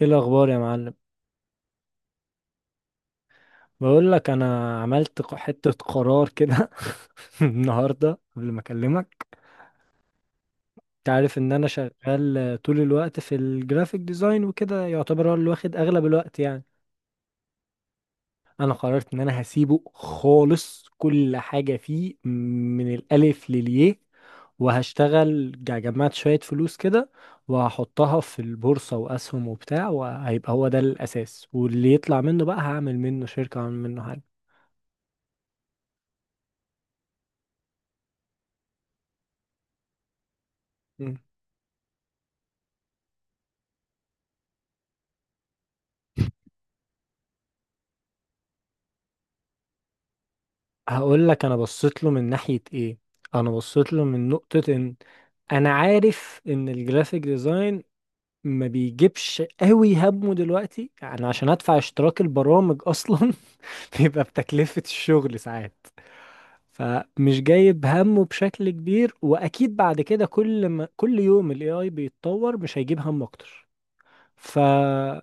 ايه الاخبار يا معلم؟ بقول لك انا عملت حتة قرار كده. النهارده قبل ما اكلمك، انت عارف ان انا شغال طول الوقت في الجرافيك ديزاين وكده، يعتبر هو اللي واخد اغلب الوقت يعني. انا قررت ان انا هسيبه خالص، كل حاجة فيه من الالف للياء، وهشتغل جمعت شوية فلوس كده وهحطها في البورصة واسهم وبتاع، وهيبقى هو ده الاساس، واللي يطلع منه بقى هعمل منه شركة، هعمل منه حاجة. هقول لك انا بصيت له من ناحية ايه، انا بصيت له من نقطة ان انا عارف ان الجرافيك ديزاين ما بيجيبش قوي همه دلوقتي، يعني عشان ادفع اشتراك البرامج اصلا بيبقى بتكلفة الشغل ساعات، فمش جايب همه بشكل كبير، واكيد بعد كده كل ما كل يوم الاي اي بيتطور مش هيجيب هم اكتر. ف...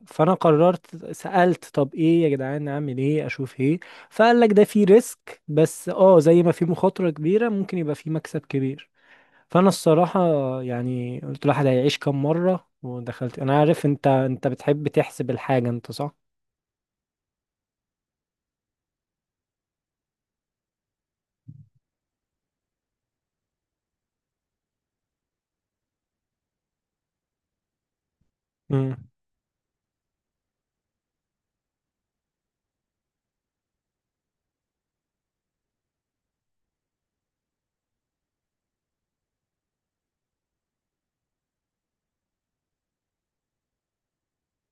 فانا قررت، سألت طب ايه يا جدعان، اعمل ايه، اشوف ايه، فقال لك ده في ريسك بس اه، زي ما في مخاطرة كبيرة ممكن يبقى في مكسب كبير. فانا الصراحة يعني قلت الواحد هيعيش كام مرة ودخلت. انا عارف انت بتحب تحسب الحاجة انت، صح. امم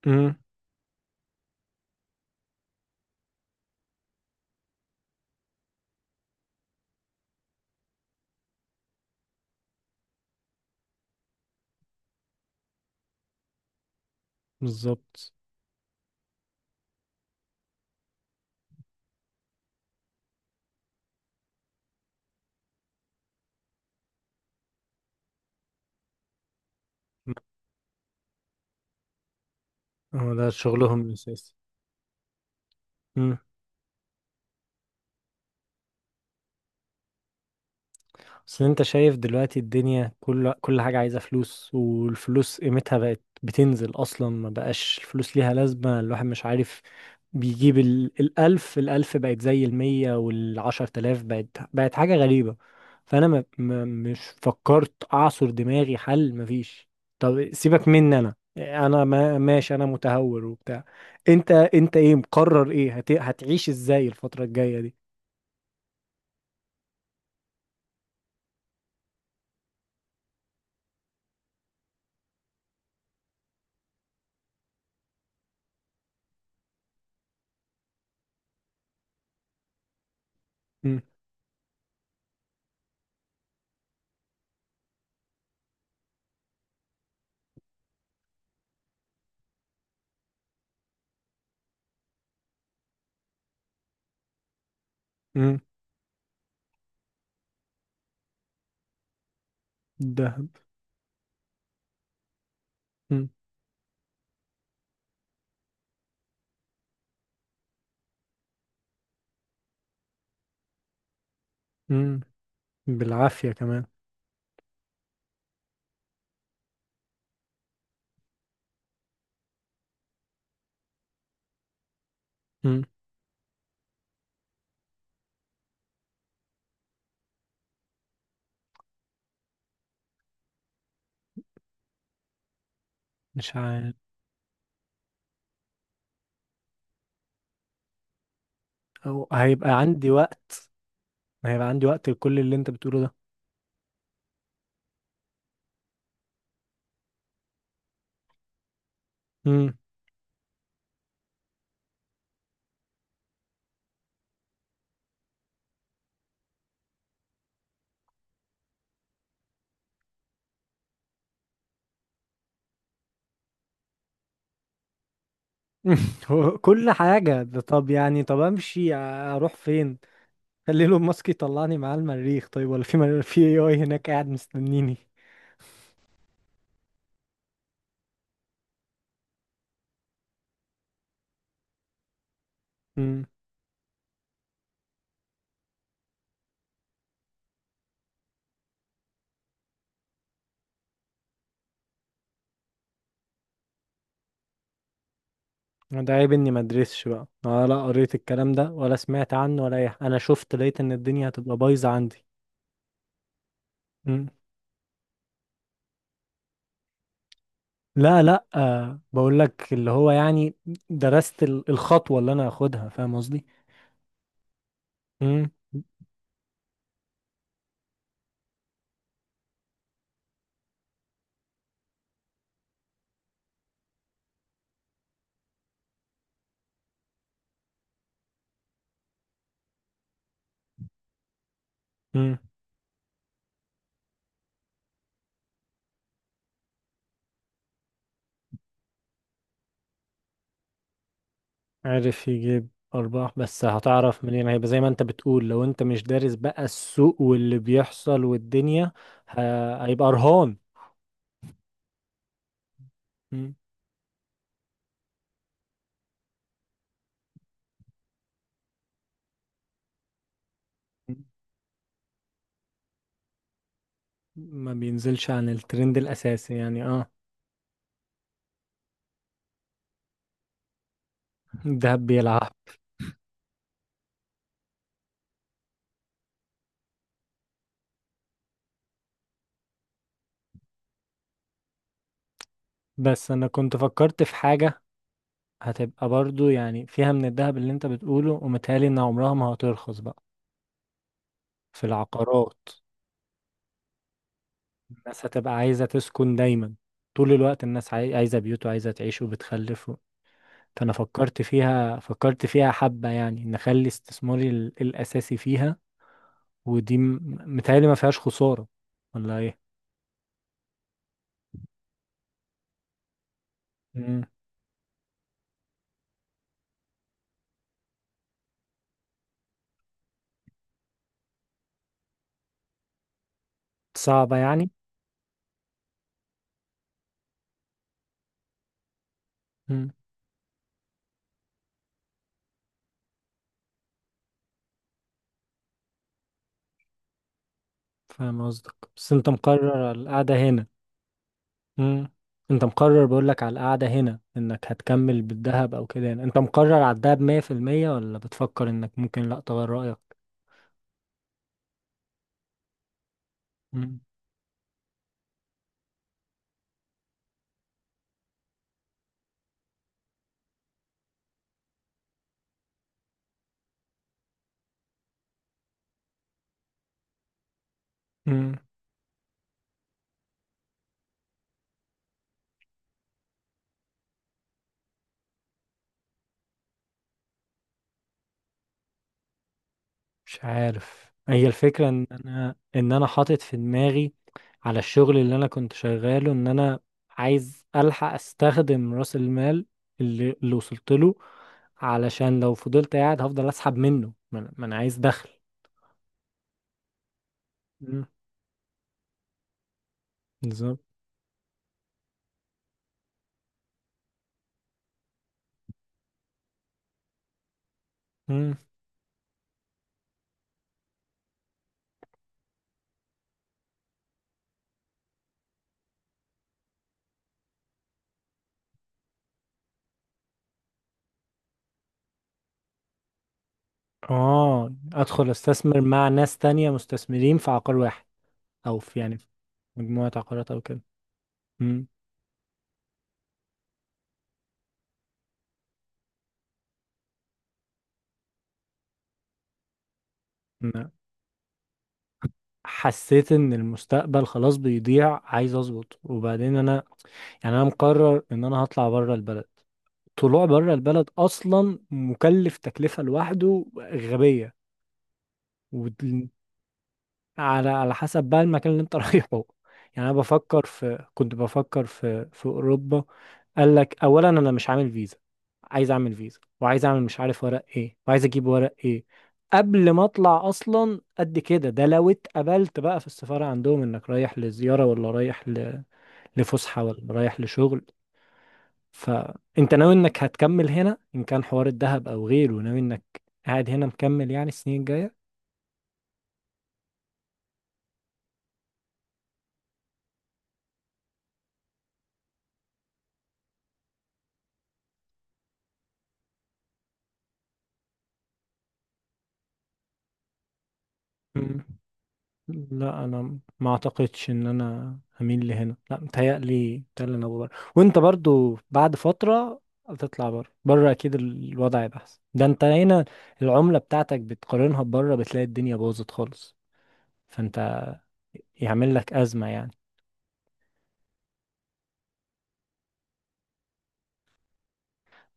امم بالظبط، هو ده شغلهم الاساسي. بس انت شايف دلوقتي الدنيا كل حاجة عايزة فلوس، والفلوس قيمتها بقت بتنزل، اصلا ما بقاش الفلوس ليها لازمة، الواحد مش عارف. بيجيب الالف، الالف بقت زي المية، والعشر تلاف بقت، بقت حاجة غريبة. فانا ما... ما... مش فكرت اعصر دماغي، حل مفيش. طب سيبك مني، انا انا ما... ماشي، انا متهور وبتاع. انت ايه مقرر، ايه هتعيش ازاي الفترة الجاية دي؟ امم امم ده بالعافية كمان. مم. مش عارف. أو هيبقى عندي وقت، هيبقى عندي وقت لكل اللي انت بتقوله ده. مم. هو كل حاجة ده؟ طب يعني طب امشي اروح فين؟ خلي له ماسك يطلعني معاه المريخ، طيب؟ ولا في في اي اي هناك قاعد مستنيني؟ مم. ده عيب اني ما ادرسش بقى ولا قريت الكلام ده ولا سمعت عنه، ولا اي انا شفت لقيت ان الدنيا هتبقى بايظة عندي. مم. لا، آه بقول لك اللي هو يعني درست الخطوة اللي انا هاخدها، فاهم قصدي. مم. مم. عارف يجيب أرباح، بس هتعرف منين؟ هيبقى زي ما أنت بتقول، لو أنت مش دارس بقى السوق واللي بيحصل والدنيا، ه... هيبقى رهان. مم. ما بينزلش عن الترند الأساسي يعني، اه. الذهب بيلعب. بس أنا كنت فكرت في حاجة، هتبقى برضو يعني فيها من الذهب اللي أنت بتقوله، ومتهيألي إن عمرها ما هترخص بقى، في العقارات. الناس هتبقى عايزة تسكن دايما، طول الوقت الناس عايزة بيوت وعايزة تعيش وبتخلف. فانا فكرت فيها، فكرت فيها حبة، يعني نخلي استثماري الاساسي فيها. ودي م- متهيألي ما فيهاش خسارة، ولا ايه؟ مم. صعبة يعني. مم. فاهم قصدك، بس انت مقرر على القعدة هنا. مم. انت مقرر، بقول لك على القعدة هنا، انك هتكمل بالذهب او كده يعني، انت مقرر على الذهب 100% ولا بتفكر انك ممكن لا تغير رأيك؟ مم. مم. مش عارف، هي الفكرة ان انا حاطط في دماغي على الشغل اللي انا كنت شغاله، ان انا عايز الحق استخدم راس المال اللي وصلت له، علشان لو فضلت قاعد هفضل اسحب منه، ما أنا عايز دخل. مم، بالظبط. مم. اه ادخل استثمر مع ناس تانية مستثمرين في عقار واحد، او في يعني في مجموعة عقارات او كده. مم. ما- حسيت ان المستقبل خلاص بيضيع، عايز اظبط، وبعدين انا يعني انا مقرر ان انا هطلع بره البلد، طلوع بره البلد اصلا مكلف تكلفة لوحده غبية. ود- على على حسب بقى المكان اللي انت رايحه. يعني انا بفكر في، كنت بفكر في اوروبا. قال لك اولا انا مش عامل فيزا، عايز اعمل فيزا وعايز اعمل مش عارف ورق ايه، وعايز اجيب ورق ايه قبل ما اطلع اصلا. قد كده، ده لو اتقبلت بقى في السفارة عندهم انك رايح لزيارة، ولا رايح لفسحة، ولا رايح لشغل. فانت ناوي انك هتكمل هنا، ان كان حوار الذهب او غيره، ناوي انك قاعد هنا مكمل يعني السنين الجاية. مم. لا، انا ما اعتقدش ان انا هميل لهنا، لا متهيألي، متهيألي انا بره. وانت برضو بعد فترة هتطلع بره، بره اكيد الوضع هيبقى احسن، ده انت هنا العملة بتاعتك بتقارنها بره بتلاقي الدنيا باظت خالص. فانت يعمل لك أزمة يعني.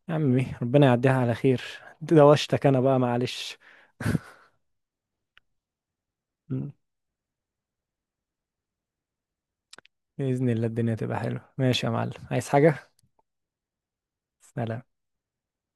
يا عمي ربنا يعديها على خير. دوشتك انا بقى، معلش. بإذن الله الدنيا تبقى حلوة. ماشي يا معلم، عايز حاجة؟ سلام.